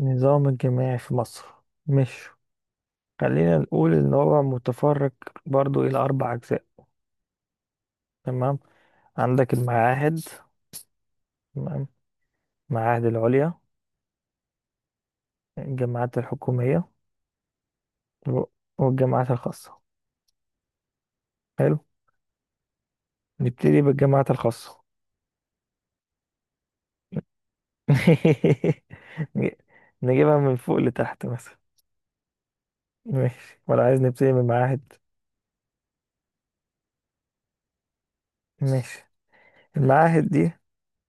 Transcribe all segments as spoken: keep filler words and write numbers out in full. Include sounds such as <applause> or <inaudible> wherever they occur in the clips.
النظام الجماعي في مصر. مش خلينا نقول ان هو متفرق برضو الى اربع اجزاء. تمام، عندك المعاهد، تمام، المعاهد العليا، الجامعات الحكومية و- والجامعات الخاصة. حلو، نبتدي بالجامعات الخاصة. <laughs> نج- نجيبها من فوق لتحت مثلا. ماشي ولا عايز نبتدي من المعاهد؟ ماشي. المعاهد دي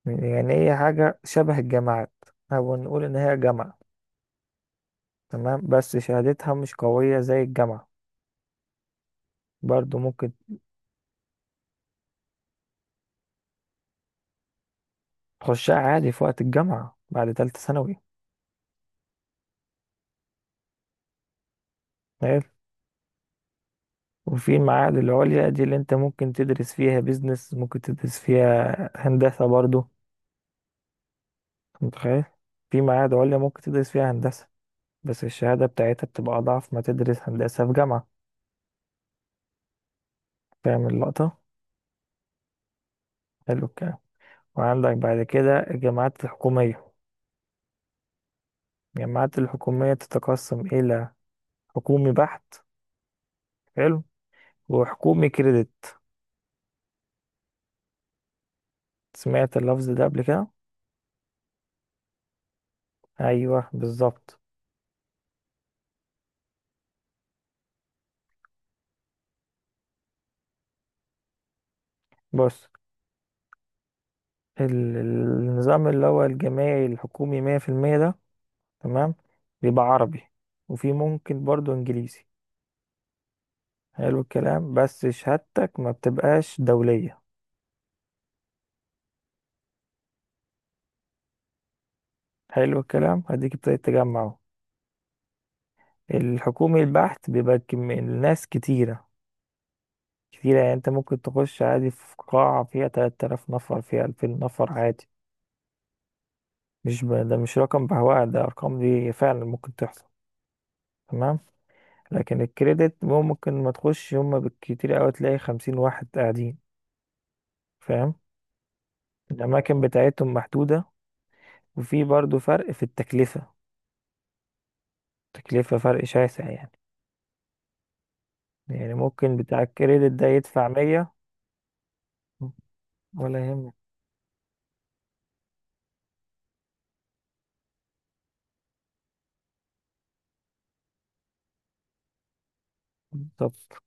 يعني هي حاجة شبه الجامعات، أو نقول إن هي جامعة، تمام، بس شهادتها مش قوية زي الجامعة. برضو ممكن تخشها عادي في وقت الجامعة بعد تالتة ثانوي. حلو، وفي المعاهد العليا دي اللي انت ممكن تدرس فيها بيزنس، ممكن تدرس فيها هندسة برضو. متخيل؟ في معاهد عليا ممكن تدرس فيها هندسة، بس الشهادة بتاعتها بتبقى أضعف ما تدرس هندسة في جامعة. فاهم اللقطة؟ حلو الكلام. وعندك بعد كده الجامعات الحكومية. الجامعات الحكومية تتقسم إلى حكومي بحت، حلو، وحكومي كريدت. سمعت اللفظ ده قبل كده؟ أيوه بالظبط. بص، ال- النظام اللي هو الجامعي الحكومي مية في المية ده، تمام، بيبقى عربي وفي ممكن برضه إنجليزي. حلو الكلام، بس شهادتك ما بتبقاش دولية. حلو الكلام، هديك ابتديت تجمع اهو. الحكومي البحت بيبقى كم- الناس كتيرة. كتيرة يعني انت ممكن تخش عادي في قاعة فيها تلات تلاف نفر، فيها ألفي نفر، عادي. مش ب... ده مش رقم بهواء، ده ارقام دي فعلا ممكن تحصل. تمام. لكن الكريدت مو- ممكن ما تخش، هما بالكتير اوي تلاقي خمسين واحد قاعدين. فاهم؟ الاماكن بتاعتهم محدودة، وفي برضو فرق في التكلفة. تكلفة فرق شاسع يعني. يعني ممكن بتاع الكريدت ده يدفع مية. ولا يهمك. بالظبط،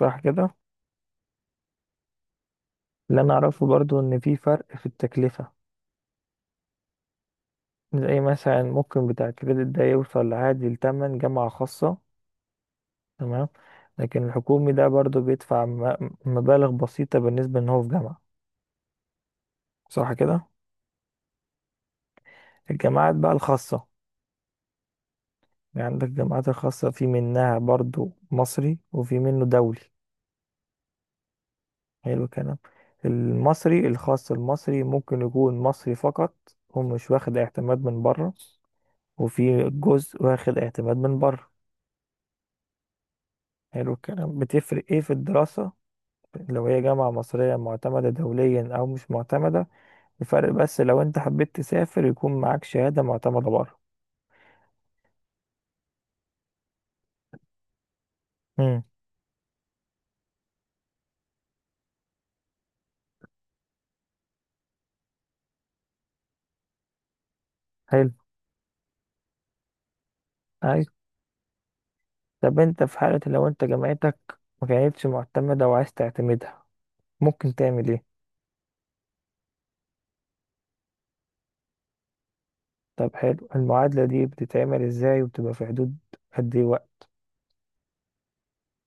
صح كده. اللي انا اعرفه برضو ان في فرق في التكلفة. زي مثلا ممكن بتاع الكريدت ده يوصل عادي لتمن جامعة خاصة، تمام، لكن الحكومي ده برضو بيدفع م- مبالغ بسيطة بالنسبة ان هو في جامعة. صح كده. الجامعات بقى الخاصة. يعني عندك الجامعات الخاصة في منها برضو مصري وفي منه دولي. حلو الكلام. المصري الخاص، المصري ممكن يكون مصري فقط ومش واخد اعتماد من بره، وفي جزء واخد اعتماد من بره. حلو الكلام، بتفرق ايه في الدراسة لو هي جامعة مصرية معتمدة دوليا أو مش معتمدة؟ الفرق بس لو أنت حبيت تسافر يكون معاك شهادة معتمدة بره. امم. حلو. أيوة. طب أنت في حالة لو أنت جامعتك ما كانتش معتمدة وعايز تعتمدها، ممكن تعمل إيه؟ طب حلو، المعادلة دي بتتعمل إزاي وبتبقى في حدود قد إيه وقت؟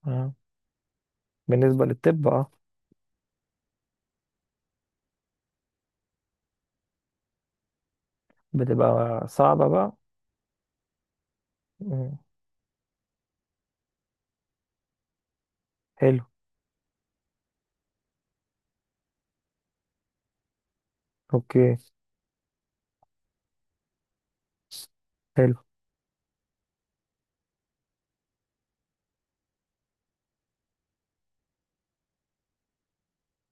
آه. بالنسبة للطب اه. بتبقى صعبة بقى. مم. حلو. اوكي. حلو.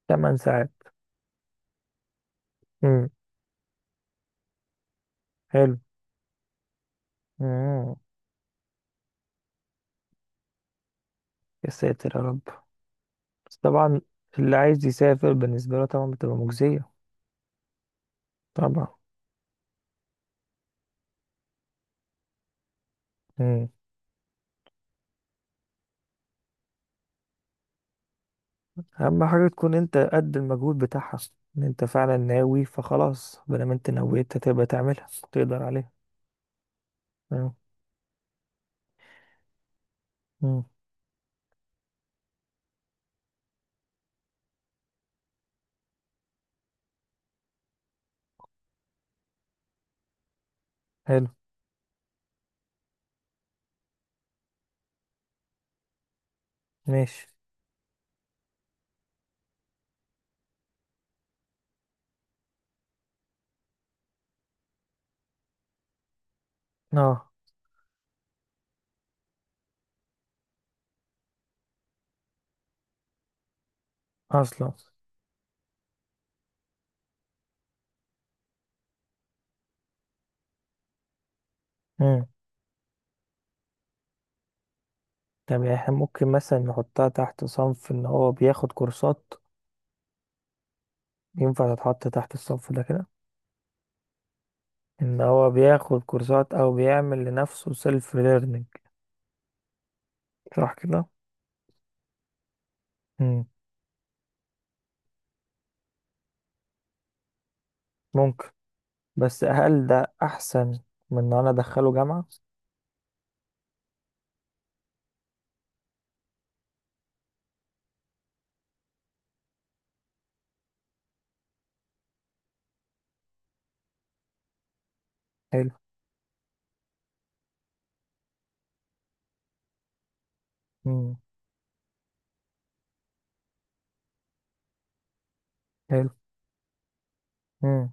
تمن ساعات. مم. حلو. مم. يا ساتر يا رب، بس طبعا اللي عايز يسافر بالنسبة له طبعا بتبقى مجزية. طبعا. مم. أهم حاجة تكون انت قد المجهود بتاعها، ان انت فعلا ناوي فخلاص، بدل ما انت نويت هتبقى تعملها تقدر عليها. مم. مم. حلو. ماشي. اه. اصلا. مم. طب يعني احنا ممكن مثلا نحطها تحت صنف ان هو بياخد كورسات؟ ينفع تتحط تحت الصف ده كده؟ ان هو بياخد كورسات او بيعمل لنفسه سيلف ليرنينج. صح كده. مم. ممكن. بس هل ده احسن من ان انا ادخله جامعة؟ حلو. مم. حلو. مم.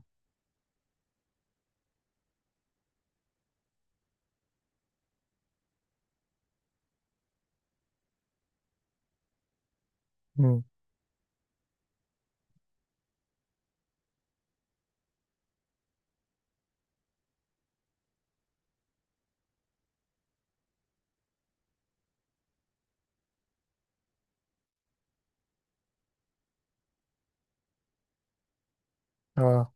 مم. اه.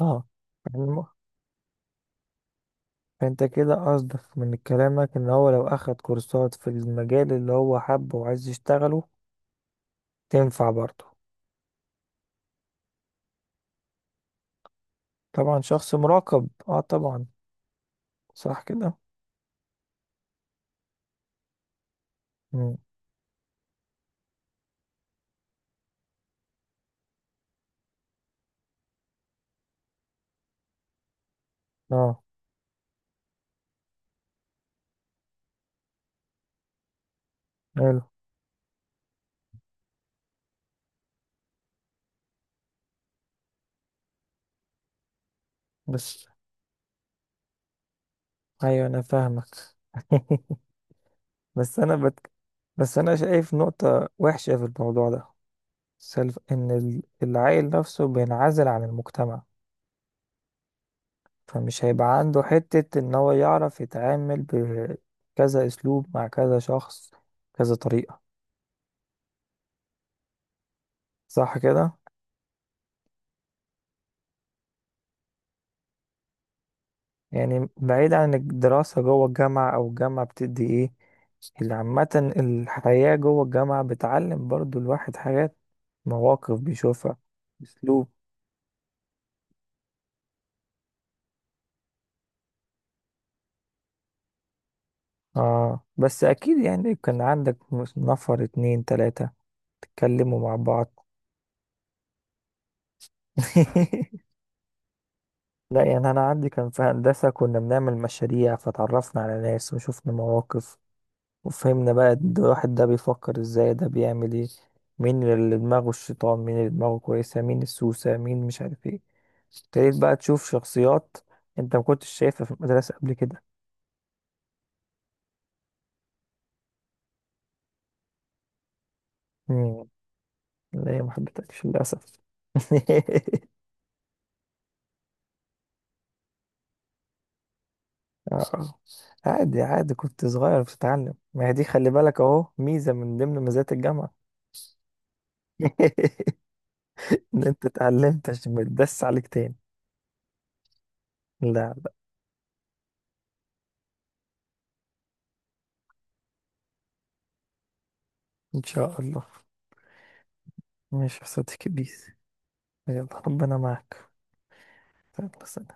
اه. الم- فانت كده قصدك من كلامك ان هو لو اخد كورسات في المجال اللي هو حبه وعايز يشتغله، تنفع برضه؟ طبعا شخص مراقب، اه طبعا. صح كده. مم. اه. حلو. بس ايوه انا فاهمك. <laughs> بس انا بت... بس انا شايف نقطة وحشة في الموضوع ده. سلف ان ال- العيل نفسه بينعزل عن المجتمع، فمش هيبقى عنده حتة ان هو يعرف يتعامل بكذا اسلوب مع كذا شخص، كذا طريقة. صح كده. يعني بعيد عن الدراسة جوه الجامعة، او الجامعة بتدي ايه اللي عامة؟ الحياة جوه الجامعة بتعلم برضو الواحد حاجات، مواقف بيشوفها، اسلوب. اه بس اكيد يعني كان عندك نفر اتنين تلاتة تتكلموا مع بعض. <laughs> لا يعني انا عندي كان في هندسة كنا بنعمل مشاريع فتعرفنا على ناس وشفنا مواقف، وفهمنا بقى ده الواحد ده بيفكر ازاي، ده بيعمل ايه، مين اللي دماغه الشيطان، مين اللي دماغه كويسة، مين السوسة، مين مش عارف ايه. ابتديت بقى تشوف شخصيات انت ما كنتش شايفها في المدرسة قبل كده. مم. لا ما حبيتهاش للأسف. <laughs> آه. عادي عادي، كنت صغير بتتعلم، ما هي دي خلي بالك اهو ميزة من ضمن مزايا الجامعة. <laughs> ان انت اتعلمت عشان ما تدس عليك تاني. لا. لا. ان شاء الله. ماشي يا صديقي، بيس. يلا ربنا معك. يلا سلام.